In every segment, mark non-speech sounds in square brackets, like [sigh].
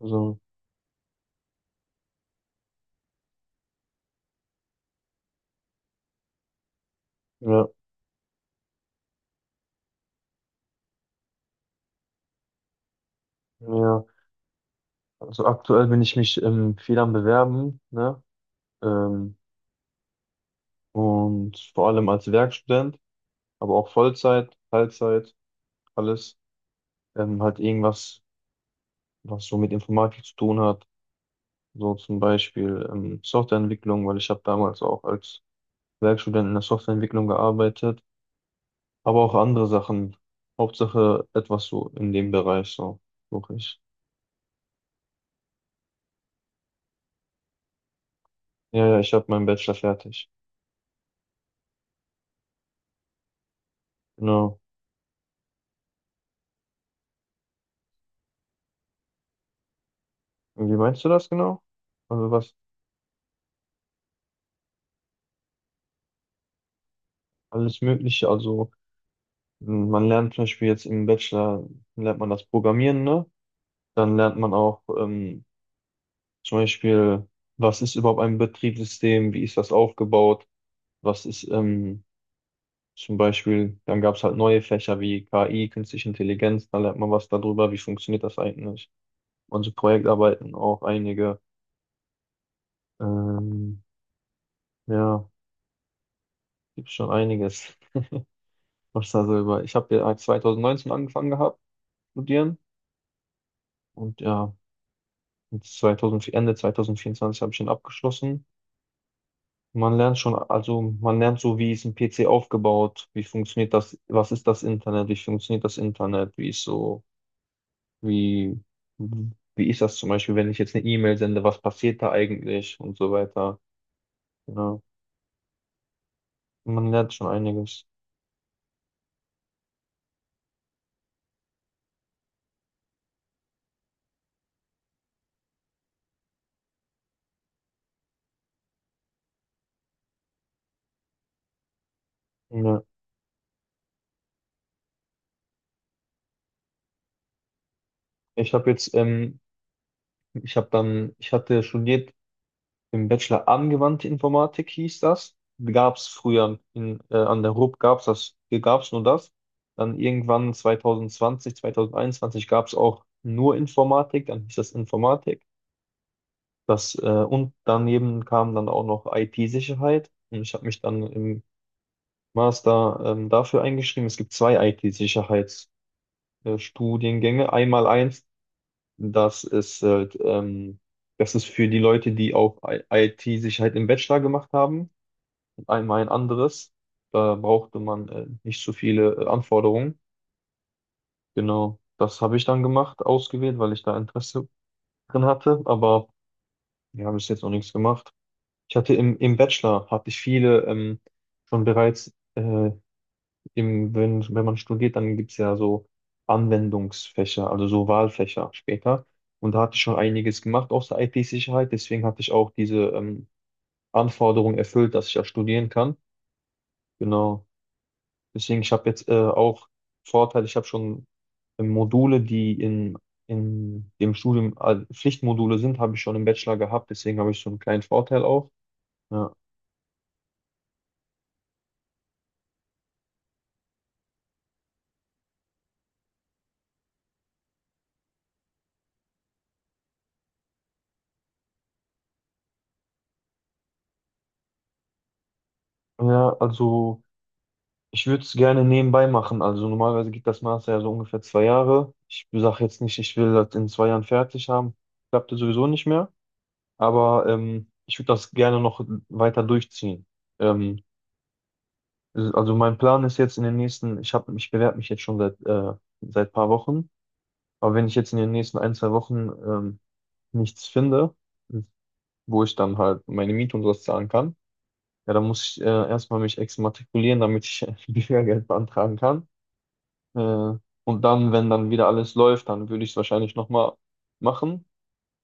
Also, ja, ja. Also aktuell bin ich mich viel am Bewerben, ne? Ähm, und vor allem als Werkstudent, aber auch Vollzeit, Teilzeit, alles. Halt irgendwas, was so mit Informatik zu tun hat. So zum Beispiel Softwareentwicklung, weil ich habe damals auch als Werkstudent in der Softwareentwicklung gearbeitet, aber auch andere Sachen. Hauptsache etwas so in dem Bereich, so suche ich. Ja, ja, ich habe meinen Bachelor fertig. Genau. Und wie meinst du das genau? Also was? Alles Mögliche, also man lernt zum Beispiel jetzt im Bachelor, lernt man das Programmieren, ne? Dann lernt man auch zum Beispiel, was ist überhaupt ein Betriebssystem, wie ist das aufgebaut, was ist zum Beispiel, dann gab es halt neue Fächer wie KI, künstliche Intelligenz, dann lernt man was darüber, wie funktioniert das eigentlich. Und so Projektarbeiten auch einige, ähm, ja, gibt schon einiges, was da so über. Ich habe ja 2019 angefangen gehabt, studieren und ja. Und 2000, Ende 2024 habe ich ihn abgeschlossen. Man lernt schon, also man lernt so, wie ist ein PC aufgebaut, wie funktioniert das, was ist das Internet, wie funktioniert das Internet, wie ist so, wie, wie ist das zum Beispiel, wenn ich jetzt eine E-Mail sende, was passiert da eigentlich und so weiter. Ja, man lernt schon einiges. Ja. Ich habe jetzt, ich habe dann, ich hatte studiert im Bachelor Angewandte Informatik hieß das. Gab es früher an der RUB gab es das, hier gab es nur das. Dann irgendwann 2020, 2021 gab es auch nur Informatik, dann hieß das Informatik. Und daneben kam dann auch noch IT-Sicherheit. Und ich habe mich dann im Master, dafür eingeschrieben. Es gibt zwei IT-Sicherheitsstudiengänge. Einmal eins, das ist, äh, ähm, das ist für die Leute, die auch IT-Sicherheit im Bachelor gemacht haben. Einmal ein anderes. Da brauchte man nicht so viele Anforderungen. Genau, das habe ich dann gemacht, ausgewählt, weil ich da Interesse drin hatte, aber wir haben bis jetzt noch nichts gemacht. Ich hatte im Bachelor, hatte ich viele schon bereits, wenn man studiert, dann gibt es ja so Anwendungsfächer, also so Wahlfächer später. Und da hatte ich schon einiges gemacht aus der IT-Sicherheit, deswegen hatte ich auch diese Anforderung erfüllt, dass ich ja studieren kann. Genau. Deswegen, ich habe jetzt auch Vorteil, ich habe schon Module, die in dem Studium Pflichtmodule sind, habe ich schon im Bachelor gehabt. Deswegen habe ich so einen kleinen Vorteil auch. Ja, ja, also ich würde es gerne nebenbei machen. Also normalerweise geht das Master ja so ungefähr 2 Jahre. Ich sage jetzt nicht, ich will das in 2 Jahren fertig haben. Klappte sowieso nicht mehr. Aber ich würde das gerne noch weiter durchziehen. Ähm, also mein Plan ist jetzt in den nächsten, ich bewerbe mich jetzt schon seit paar Wochen. Aber wenn ich jetzt in den nächsten ein, zwei Wochen nichts finde, wo ich dann halt meine Miete und sowas zahlen kann, ja, dann muss ich erstmal mich exmatrikulieren, damit ich [laughs] Bürgergeld beantragen kann. Äh, und dann, wenn dann wieder alles läuft, dann würde ich es wahrscheinlich nochmal machen.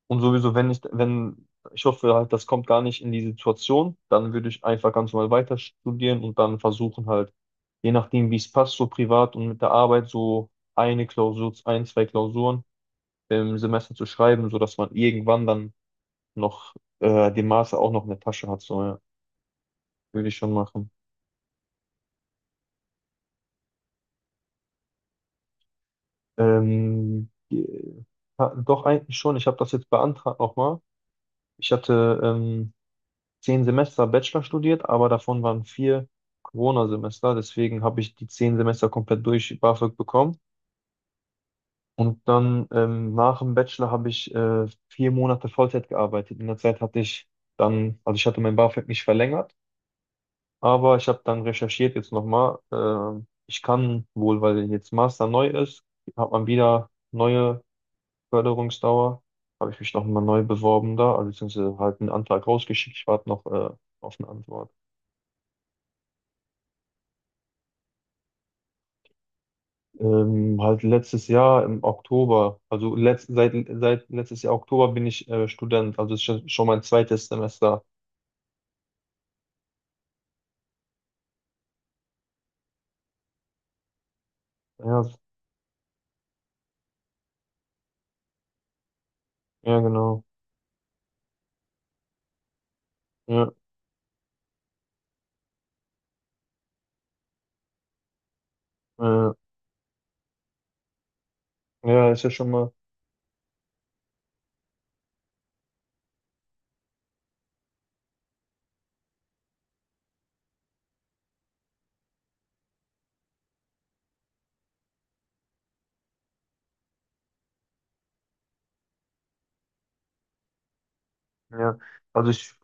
Und sowieso, wenn ich, wenn, ich hoffe halt, das kommt gar nicht in die Situation, dann würde ich einfach ganz normal weiter studieren und dann versuchen halt, je nachdem, wie es passt, so privat und mit der Arbeit, so eine Klausur, ein, zwei Klausuren im Semester zu schreiben, sodass man irgendwann dann noch den Master auch noch in der Tasche hat. So, ja, würde ich schon machen. Ähm, die- doch eigentlich schon. Ich habe das jetzt beantragt nochmal. Ich hatte 10 Semester Bachelor studiert, aber davon waren 4 Corona-Semester. Deswegen habe ich die 10 Semester komplett durch BAföG bekommen. Und dann nach dem Bachelor habe ich 4 Monate Vollzeit gearbeitet. In der Zeit hatte ich dann, also ich hatte mein BAföG nicht verlängert. Aber ich habe dann recherchiert jetzt nochmal. Ich kann wohl, weil jetzt Master neu ist, hat man wieder neue Förderungsdauer. Habe ich mich nochmal neu beworben da, also beziehungsweise halt einen Antrag rausgeschickt. Ich warte noch auf eine Antwort. Halt letztes Jahr im Oktober, also seit letztes Jahr Oktober bin ich Student, also ist schon mein zweites Semester. Ja, ja, genau. Ja, äh, ja, ist ja schon mal. Ja, also ich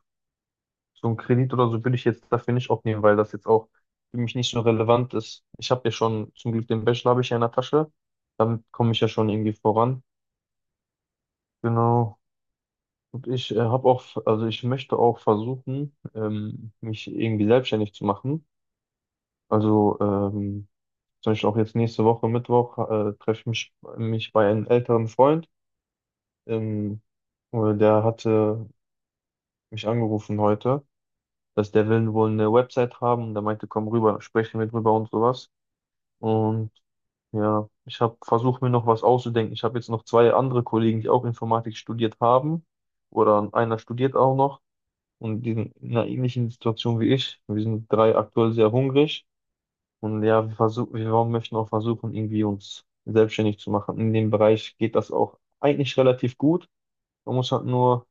So einen Kredit oder so würde ich jetzt dafür nicht aufnehmen, weil das jetzt auch für mich nicht so relevant ist. Ich habe ja schon, zum Glück den Bachelor habe ich ja in der Tasche. Damit komme ich ja schon irgendwie voran. Genau. Und ich habe auch, also ich möchte auch versuchen, mich irgendwie selbstständig zu machen. Also zum Beispiel auch jetzt nächste Woche Mittwoch treffe ich mich bei einem älteren Freund. Ähm, der hatte mich angerufen heute, dass der will wohl eine Website haben und der meinte, komm rüber, sprechen wir drüber und sowas. Und ja, ich habe versucht, mir noch was auszudenken. Ich habe jetzt noch zwei andere Kollegen, die auch Informatik studiert haben. Oder einer studiert auch noch. Und die sind in einer ähnlichen Situation wie ich. Wir sind drei aktuell sehr hungrig. Und ja, wir möchten auch versuchen, irgendwie uns selbstständig zu machen. In dem Bereich geht das auch eigentlich relativ gut. Man muss halt nur,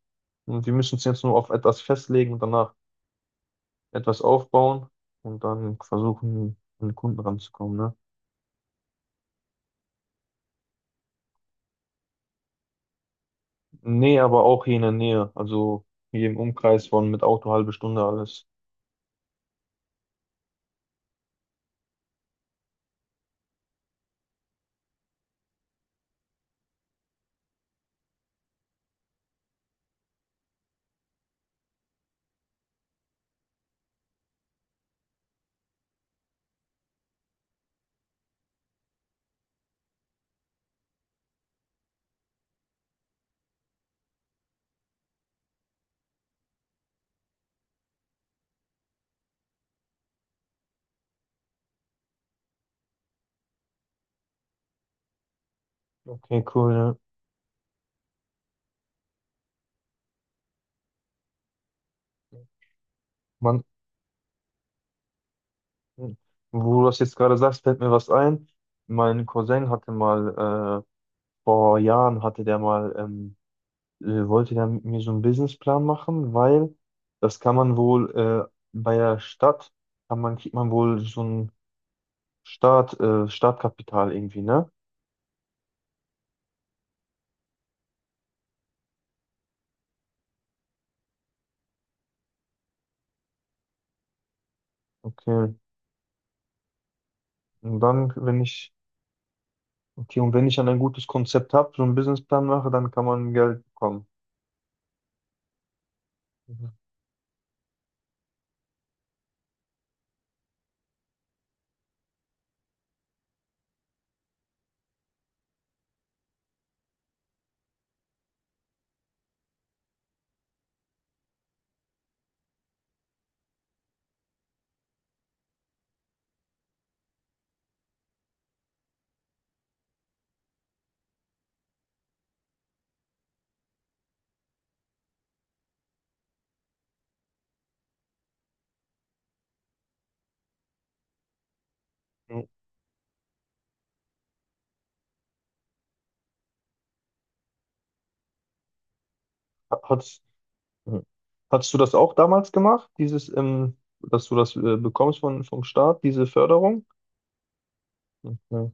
und wir müssen uns jetzt nur auf etwas festlegen und danach etwas aufbauen und dann versuchen, an den Kunden ranzukommen, ne? Nee, aber auch hier in der Nähe. Also hier im Umkreis von mit Auto halbe Stunde alles. Okay, cool. Ja. Man, wo du das jetzt gerade sagst, fällt mir was ein. Mein Cousin hatte mal, vor Jahren hatte der mal, wollte der mit mir so einen Businessplan machen, weil das kann man wohl, bei der Stadt, kriegt man wohl so ein Startkapital irgendwie, ne? Okay. Und dann, wenn ich Okay, und wenn ich dann ein gutes Konzept habe, so einen Businessplan mache, dann kann man Geld bekommen. Mhm. Mhm. Hat's, mhm. Hattest du das auch damals gemacht, dieses, dass du das bekommst vom Staat, diese Förderung? Okay,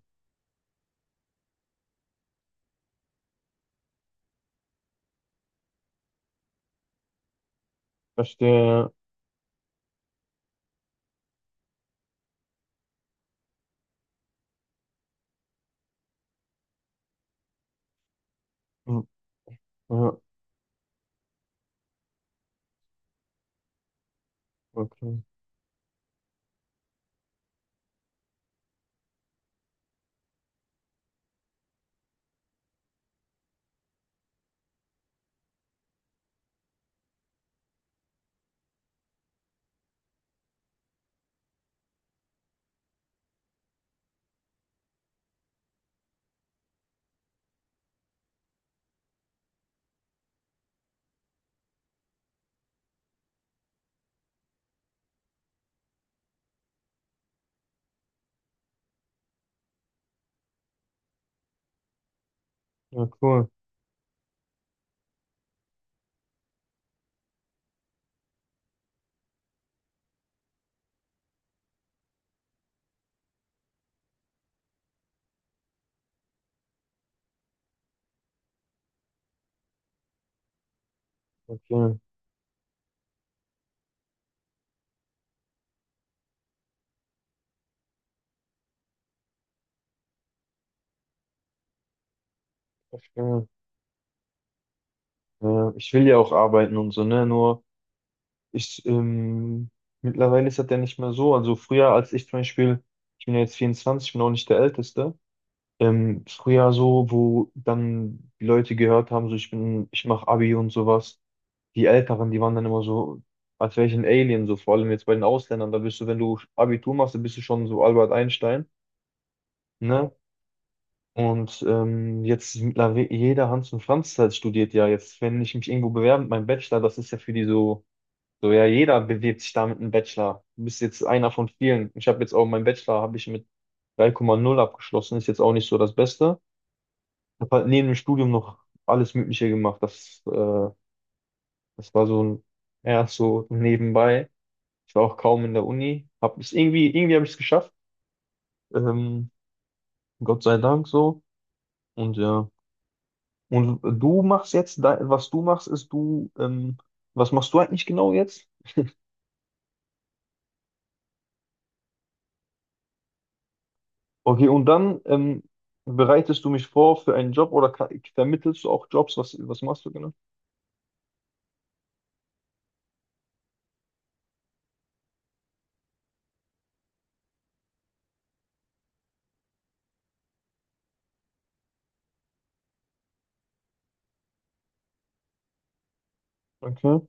verstehe. Mhm. Ja, okay. Ja, cool. Okay, verstehe. Ja, ich will ja auch arbeiten und so, ne? Ich, ähm, mittlerweile ist das ja nicht mehr so. Also früher, als ich zum Beispiel, ich bin ja jetzt 24, ich bin auch nicht der Älteste. Früher so, wo dann die Leute gehört haben, so ich mache Abi und sowas. Die Älteren, die waren dann immer so, als wäre ich ein Alien, so vor allem jetzt bei den Ausländern, da bist du, wenn du Abitur machst, dann bist du schon so Albert Einstein, ne? Und jetzt mittlerweile jeder Hans und Franz halt studiert ja jetzt, wenn ich mich irgendwo bewerbe mit meinem Bachelor, das ist ja für die so, so ja, jeder bewirbt sich da mit einem Bachelor. Du bist jetzt einer von vielen. Ich habe jetzt auch meinen Bachelor, habe ich mit 3,0 abgeschlossen, ist jetzt auch nicht so das Beste. Habe halt neben dem Studium noch alles Mögliche gemacht. Das war so ein, ja, so nebenbei. Ich war auch kaum in der Uni. Irgendwie habe ich es geschafft. Ähm, Gott sei Dank so. Und ja. Und du machst jetzt. Da- was du machst, ist du, Was machst du eigentlich genau jetzt? Okay, und dann bereitest du mich vor für einen Job oder vermittelst du auch Jobs? Was machst du genau? Okay.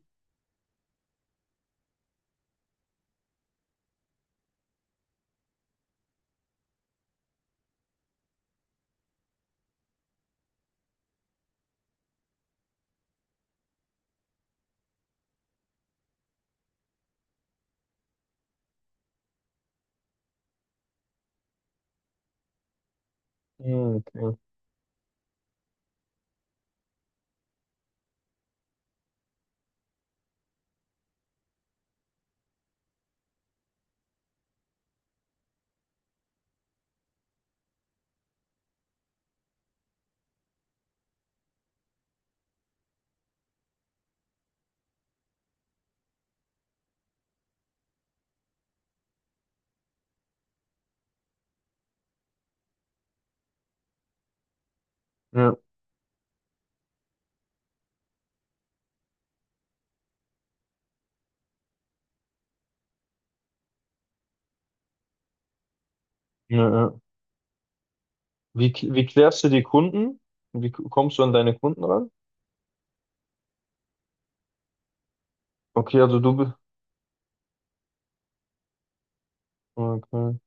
Ja, okay. Ja, ja, ja. Wie klärst du die Kunden? Kommst du an deine Kunden ran? Okay, also du bist. Okay.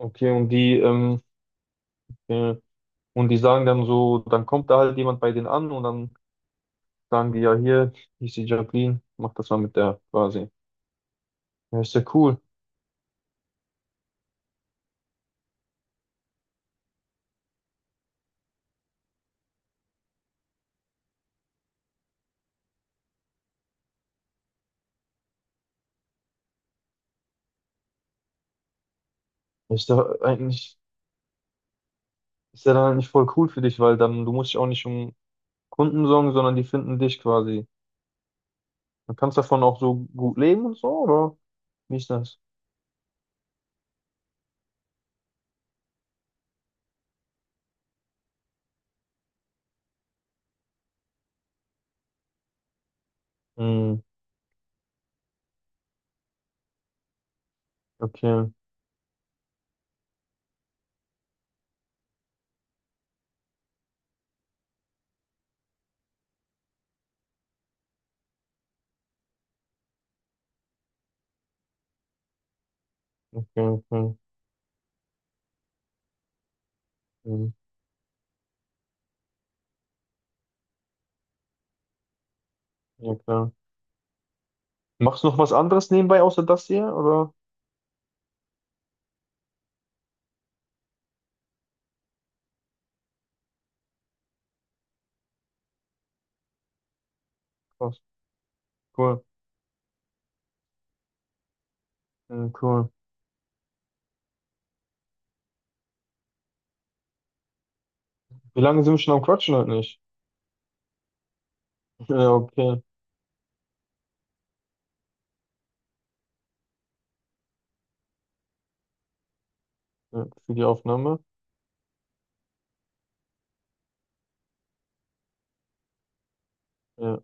Okay, und äh, und die sagen dann so, dann kommt da halt jemand bei denen an und dann sagen die ja hier, hier ist die Jacqueline, mach das mal mit der quasi. Ja, ist ja cool. Ist ja eigentlich, ist ja dann eigentlich voll cool für dich, weil dann du musst dich auch nicht um Kunden sorgen, sondern die finden dich quasi. Du kannst davon auch so gut leben und so, oder? Wie ist das? Hm, okay, okay, okay. Hm, ja, klar. Machst du noch was anderes nebenbei außer das hier? Oder? Was? Cool. Ja, cool. Wie lange sind wir schon am Quatschen heute nicht? [laughs] Ja, okay. Ja, für die Aufnahme. Ja.